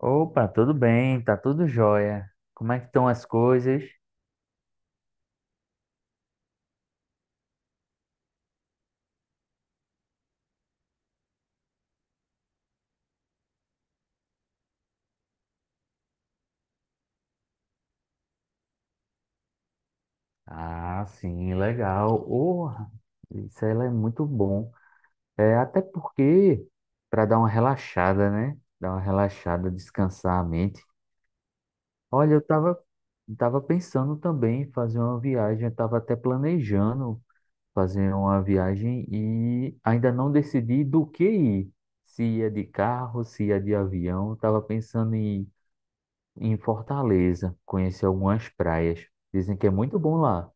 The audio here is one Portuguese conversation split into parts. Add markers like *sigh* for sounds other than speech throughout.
Opa, tudo bem, tá tudo jóia. Como é que estão as coisas? Ah, sim, legal. Oh, isso aí é muito bom. É até porque para dar uma relaxada, né? Dar uma relaxada, descansar a mente. Olha, eu tava pensando também em fazer uma viagem, eu tava até planejando fazer uma viagem e ainda não decidi do que ir. Se ia de carro, se ia de avião, eu tava pensando em Fortaleza, conheci algumas praias. Dizem que é muito bom lá.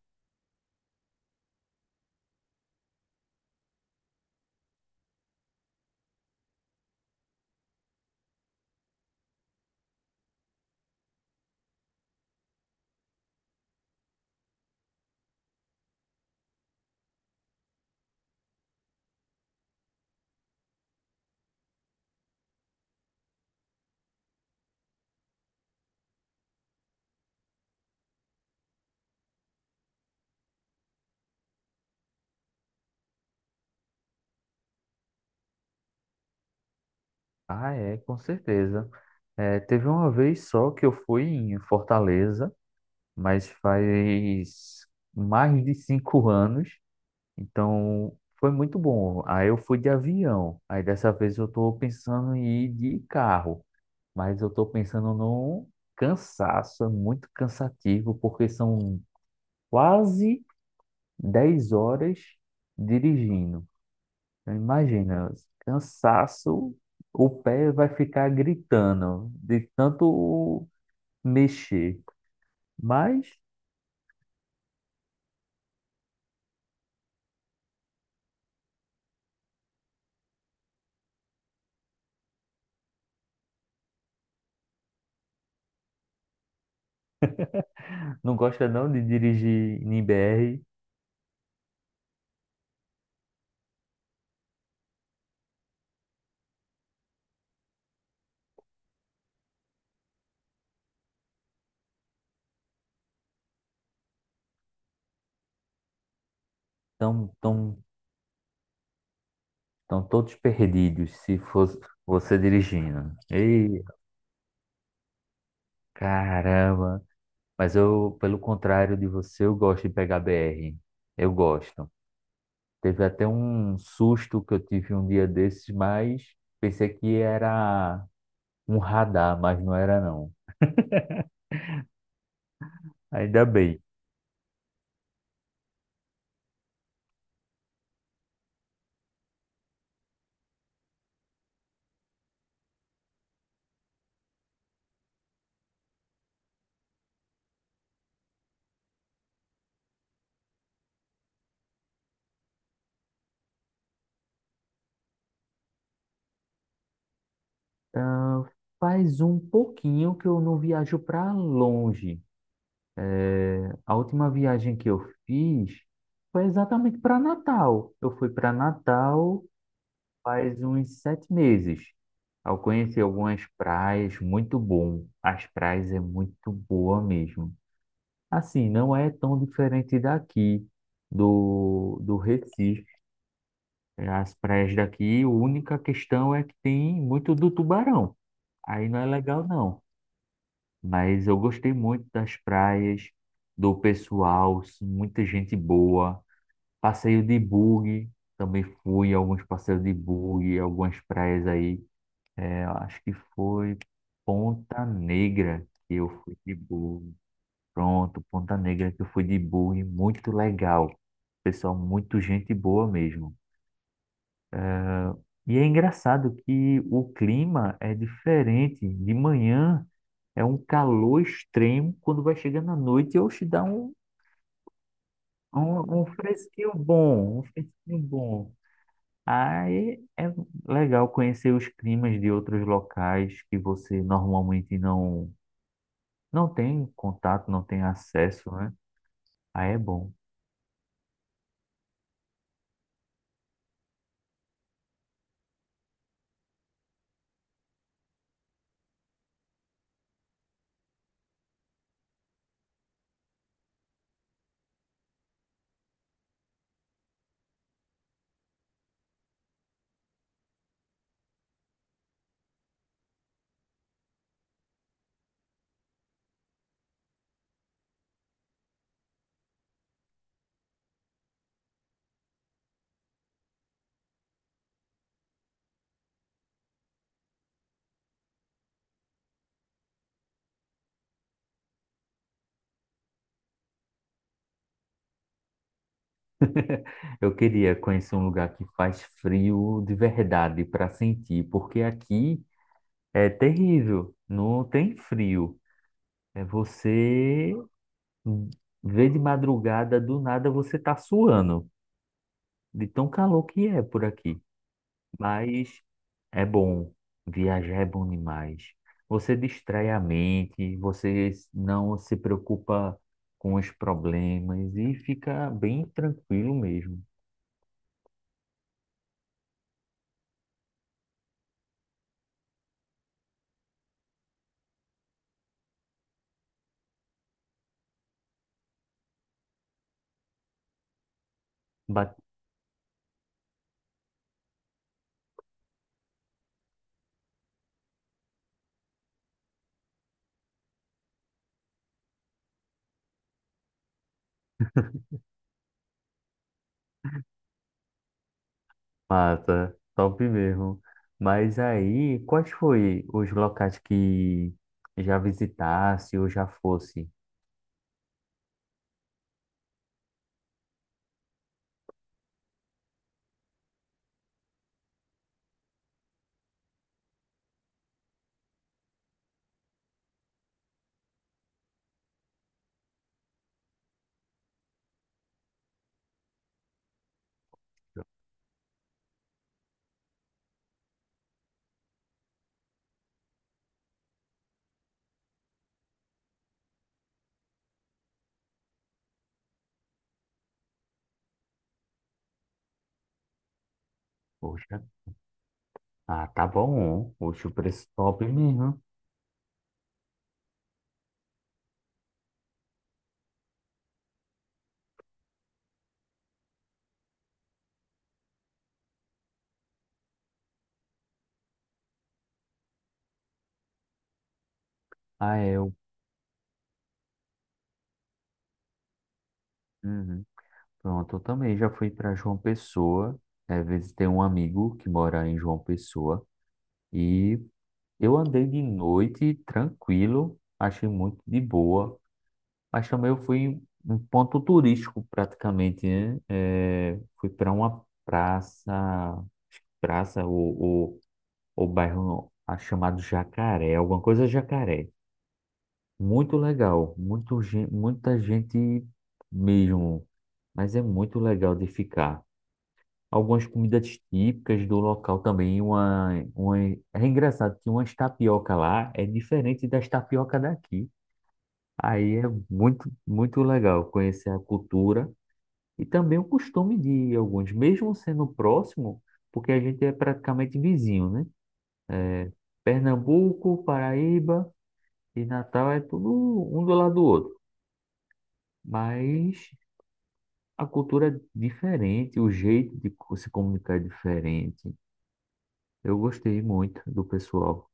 Ah, é, com certeza. É, teve uma vez só que eu fui em Fortaleza, mas faz mais de 5 anos, então foi muito bom. Aí eu fui de avião, aí dessa vez eu estou pensando em ir de carro, mas eu estou pensando no cansaço, é muito cansativo, porque são quase 10 horas dirigindo. Então, imagina, cansaço, o pé vai ficar gritando de tanto mexer. Mas não gosta não de dirigir em BR, estão tão todos perdidos se fosse você dirigindo. Ei, caramba! Mas eu, pelo contrário de você, eu gosto de pegar BR. Eu gosto. Teve até um susto que eu tive um dia desses, mas pensei que era um radar, mas não era não. Ainda bem. Ah, faz um pouquinho que eu não viajo para longe. A última viagem que eu fiz foi exatamente para Natal. Eu fui para Natal faz uns 7 meses. Eu conheci algumas praias, muito bom. As praias é muito boa mesmo. Assim, não é tão diferente daqui, do Recife. As praias daqui, a única questão é que tem muito do tubarão. Aí não é legal, não. Mas eu gostei muito das praias, do pessoal, muita gente boa. Passeio de bug, também fui alguns passeios de bug, algumas praias aí. É, eu acho que foi Ponta Negra que eu fui de bug. Pronto, Ponta Negra que eu fui de bug, muito legal. Pessoal, muito gente boa mesmo. E é engraçado que o clima é diferente. De manhã é um calor extremo, quando vai chegando à noite, eu te dá um fresquinho bom, um fresquinho bom. Aí é legal conhecer os climas de outros locais que você normalmente não tem contato, não tem acesso, né? Aí é bom. Eu queria conhecer um lugar que faz frio de verdade para sentir, porque aqui é terrível, não tem frio. É você vê de madrugada, do nada você tá suando, de tão calor que é por aqui. Mas é bom. Viajar é bom demais. Você distrai a mente, você não se preocupa com os problemas e fica bem tranquilo mesmo. Ba- Mata, top mesmo. Mas aí, quais foi os locais que já visitasse ou já fosse? Poxa, ah, tá bom. Poxa, o preço top mesmo. Ah, é. Uhum. Pronto, eu também já fui para João Pessoa. É, visitei um amigo que mora em João Pessoa. E eu andei de noite tranquilo, achei muito de boa. Mas também eu fui em um ponto turístico praticamente, né? É, fui para uma praça, acho que praça ou bairro ah, chamado Jacaré, alguma coisa Jacaré. Muito legal, muito, muita gente mesmo, mas é muito legal de ficar. Algumas comidas típicas do local também. É engraçado que umas tapioca lá é diferente das tapioca daqui. Aí é muito, muito legal conhecer a cultura e também o costume de alguns, mesmo sendo próximo, porque a gente é praticamente vizinho, né? É, Pernambuco, Paraíba e Natal é tudo um do lado do outro, mas a cultura é diferente, o jeito de se comunicar é diferente. Eu gostei muito do pessoal.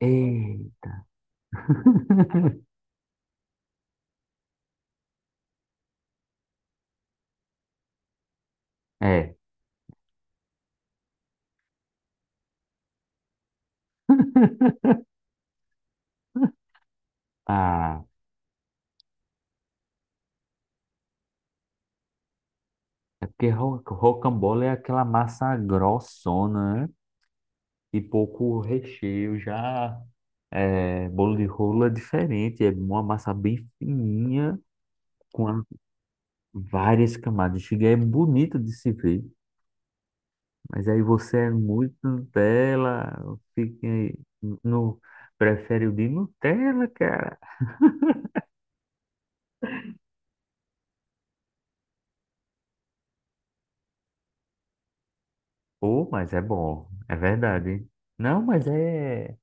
Ei, *laughs* é, ah, é porque rocambole é aquela massa grossona, né? E pouco recheio, já é, bolo de rolo é diferente, é uma massa bem fininha, com a- várias camadas. Chega, é bonito de se ver, mas aí você é muito Nutella, fica aí no, prefere o de Nutella, cara. Pô, mas é bom, é verdade. Não, mas é.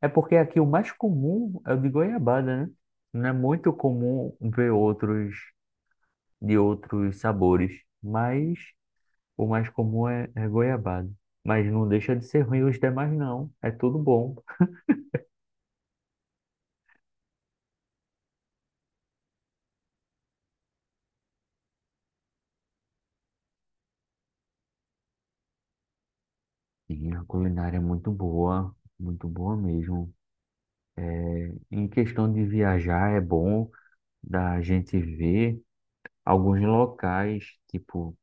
É porque aqui o mais comum é o de goiabada, né? Não é muito comum ver outros de outros sabores, mas o mais comum é goiabada. Mas não deixa de ser ruim os demais, não. É tudo bom. E a culinária é muito boa mesmo. É, em questão de viajar, é bom da gente ver alguns locais, tipo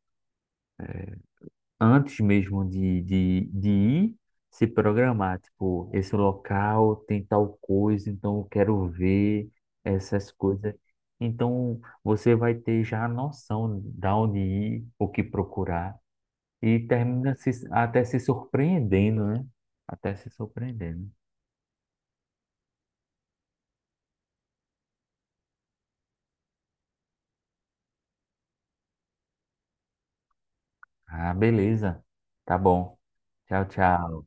antes mesmo de ir, se programar, tipo, esse local tem tal coisa, então eu quero ver essas coisas. Então você vai ter já a noção de onde ir, o que procurar, e termina se, até se surpreendendo, né? Até se surpreendendo. Ah, beleza. Tá bom. Tchau, tchau.